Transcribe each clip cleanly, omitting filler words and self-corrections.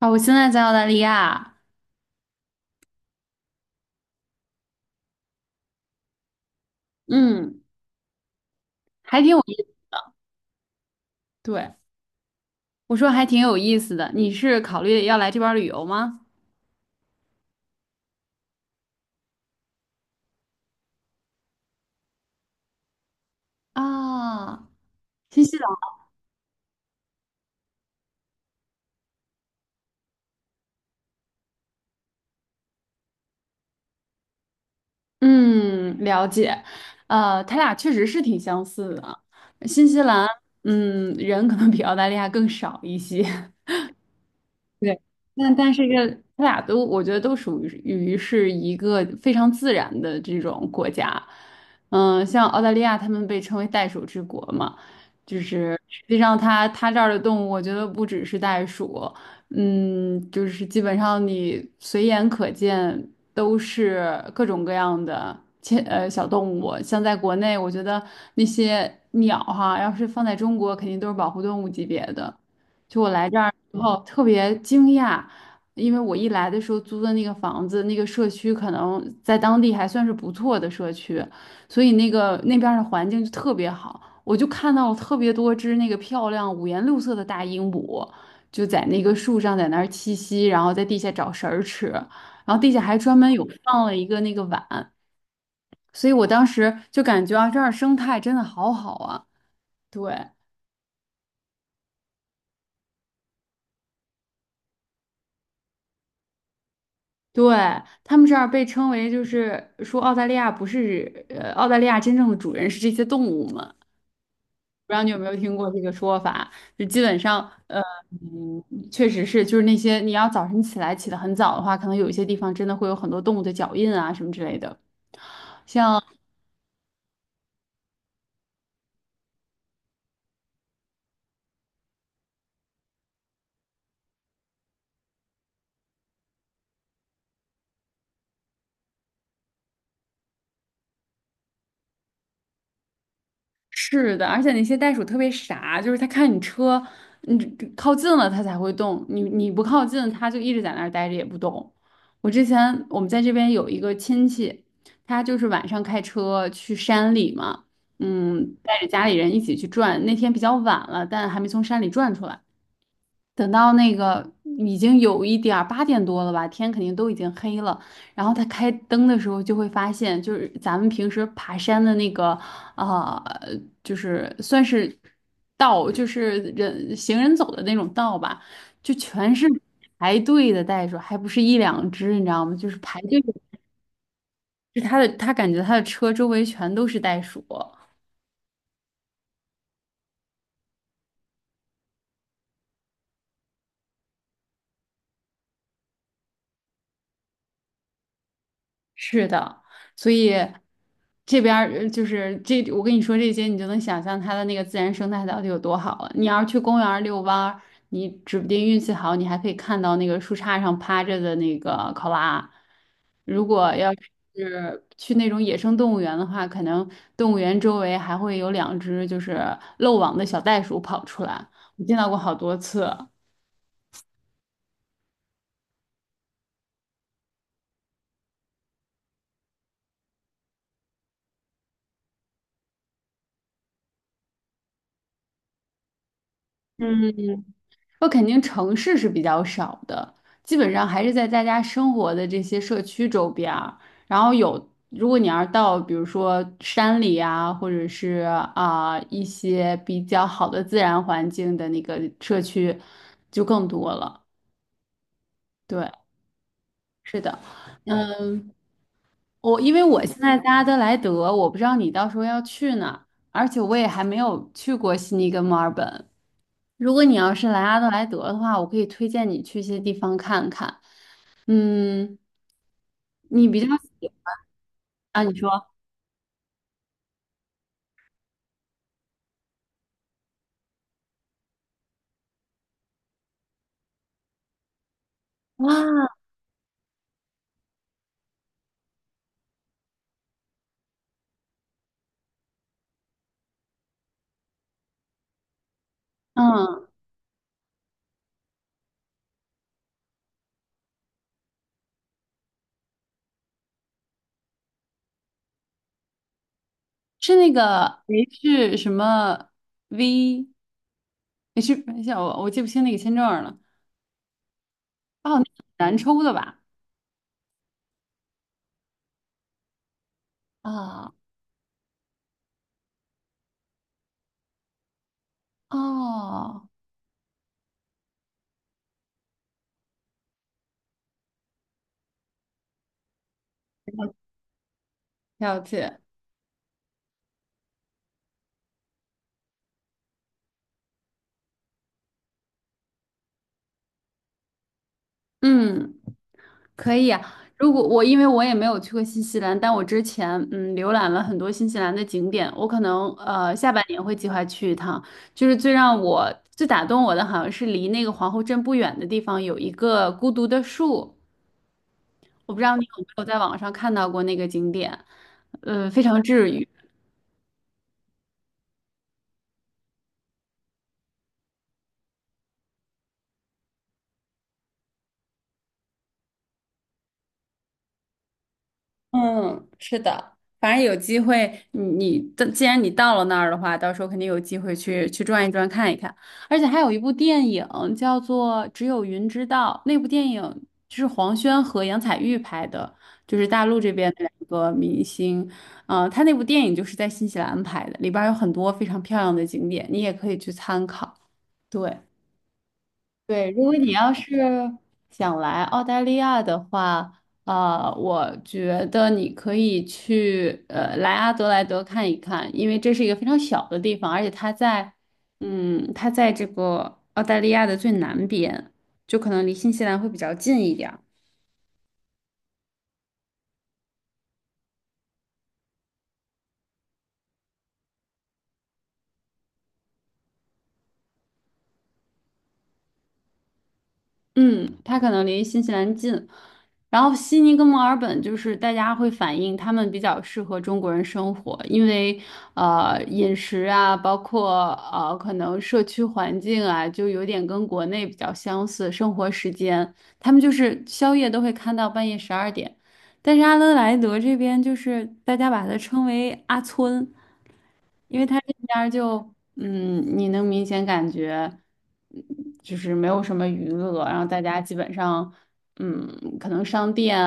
啊，我现在在澳大利亚。嗯，还挺有意思。对，我说还挺有意思的。你是考虑要来这边儿旅游吗？啊，新西兰。嗯，了解。他俩确实是挺相似的。新西兰。嗯，人可能比澳大利亚更少一些。对，但是这他俩都，我觉得都属于是一个非常自然的这种国家。嗯，像澳大利亚，他们被称为袋鼠之国嘛，就是实际上它这儿的动物，我觉得不只是袋鼠。嗯，就是基本上你随眼可见都是各种各样的小动物。像在国内，我觉得那些鸟哈，要是放在中国，肯定都是保护动物级别的。就我来这儿。然后特别惊讶，因为我一来的时候租的那个房子，那个社区可能在当地还算是不错的社区，所以那个那边儿的环境就特别好。我就看到了特别多只那个漂亮五颜六色的大鹦鹉，就在那个树上在那儿栖息，然后在地下找食儿吃，然后地下还专门有放了一个那个碗，所以我当时就感觉啊，这儿生态真的好好啊。对。对，他们这儿被称为，就是说澳大利亚不是，澳大利亚真正的主人是这些动物们。不知道你有没有听过这个说法？就基本上，呃，嗯，确实是，就是那些你要早晨起来起得很早的话，可能有一些地方真的会有很多动物的脚印啊什么之类的。像。是的，而且那些袋鼠特别傻，就是它看你车，你靠近了它才会动，你不靠近，它就一直在那儿待着也不动。我之前我们在这边有一个亲戚，他就是晚上开车去山里嘛。嗯，带着家里人一起去转，那天比较晚了，但还没从山里转出来。等到那个已经有一点儿8点多了吧，天肯定都已经黑了。然后他开灯的时候，就会发现，就是咱们平时爬山的那个，啊，就是算是道，就是人走的那种道吧，就全是排队的袋鼠，还不是一两只，你知道吗？就是排队的，是他的，他感觉他的车周围全都是袋鼠。是的，所以这边儿就是这，我跟你说这些，你就能想象它的那个自然生态到底有多好了。你要是去公园儿遛弯儿，你指不定运气好，你还可以看到那个树杈上趴着的那个考拉。如果要是去那种野生动物园的话，可能动物园周围还会有两只就是漏网的小袋鼠跑出来，我见到过好多次。嗯，我肯定城市是比较少的，基本上还是在大家生活的这些社区周边儿，然后有，如果你要是到比如说山里啊，或者是啊、一些比较好的自然环境的那个社区，就更多了。对，是的。嗯，我因为我现在在阿德莱德，我不知道你到时候要去哪，而且我也还没有去过悉尼跟墨尔本。如果你要是来阿德莱德的话，我可以推荐你去一些地方看看。嗯，你比较喜啊？你说哇？嗯，是那个 H 什么 V H？等一下，我记不清那个签证了。哦，那个很难抽的吧？啊，哦，了解。嗯，可以啊，如果我因为我也没有去过新西兰，但我之前浏览了很多新西兰的景点，我可能下半年会计划去一趟。就是最打动我的，好像是离那个皇后镇不远的地方有一个孤独的树，我不知道你有没有在网上看到过那个景点。非常治愈。嗯，是的，反正有机会，你你的既然你到了那儿的话，到时候肯定有机会去转一转看一看。而且还有一部电影叫做《只有云知道》，那部电影就是黄轩和杨采钰拍的，就是大陆这边的两个明星。嗯、他那部电影就是在新西兰拍的，里边儿有很多非常漂亮的景点，你也可以去参考。对。对，如果你要是想来澳大利亚的话，我觉得你可以来阿德莱德看一看，因为这是一个非常小的地方，而且它在，这个澳大利亚的最南边，就可能离新西兰会比较近一点儿。嗯，它可能离新西兰近，然后悉尼跟墨尔本就是大家会反映他们比较适合中国人生活，因为饮食啊，包括可能社区环境啊，就有点跟国内比较相似，生活时间他们就是宵夜都会看到半夜12点，但是阿德莱德这边就是大家把它称为阿村。因为它这边儿就，你能明显感觉，嗯就是没有什么娱乐，然后大家基本上，可能商店，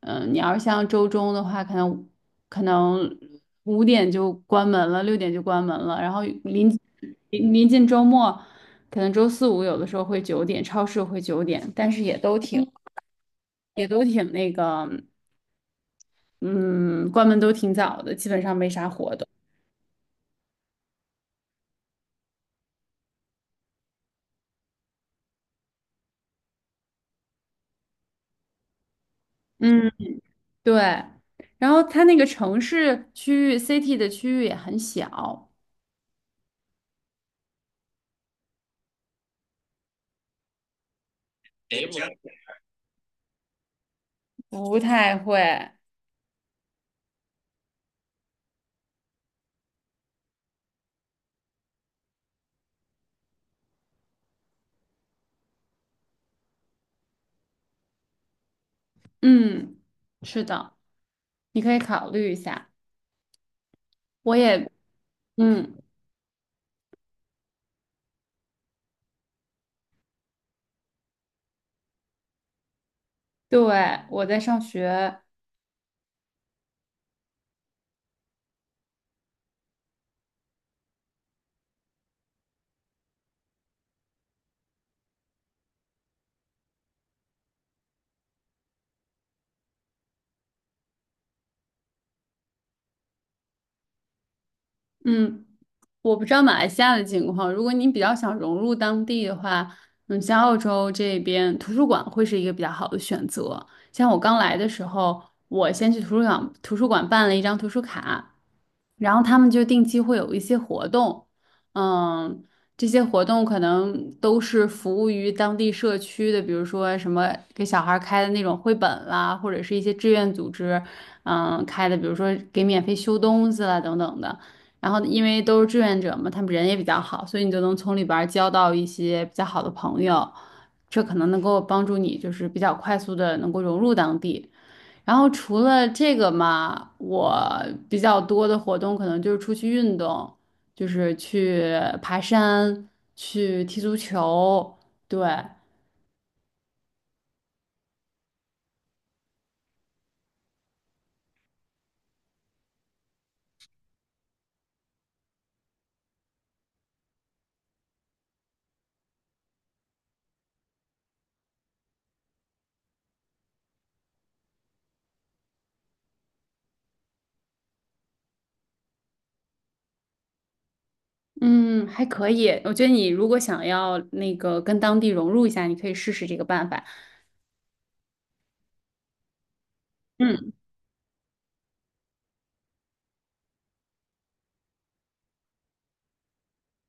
你要是像周中的话，可能5点就关门了，6点就关门了，然后临近周末，可能周四五有的时候会九点，超市会九点，但是也都挺那个，嗯，关门都挺早的，基本上没啥活动。嗯。对，然后它那个城市区域 city 的区域也很小，不太会。嗯，是的，你可以考虑一下。我也，嗯，对，我在上学。嗯，我不知道马来西亚的情况，如果你比较想融入当地的话，嗯，像澳洲这边图书馆会是一个比较好的选择。像我刚来的时候，我先去图书馆办了一张图书卡，然后他们就定期会有一些活动。嗯，这些活动可能都是服务于当地社区的，比如说什么给小孩儿开的那种绘本啦，或者是一些志愿组织，嗯，开的，比如说给免费修东西啦等等的。然后因为都是志愿者嘛，他们人也比较好，所以你就能从里边儿交到一些比较好的朋友，这可能能够帮助你就是比较快速的能够融入当地。然后除了这个嘛，我比较多的活动可能就是出去运动，就是去爬山，去踢足球，对。嗯，还可以。我觉得你如果想要那个跟当地融入一下，你可以试试这个办法。嗯。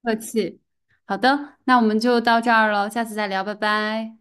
客气。好的，那我们就到这儿了，下次再聊，拜拜。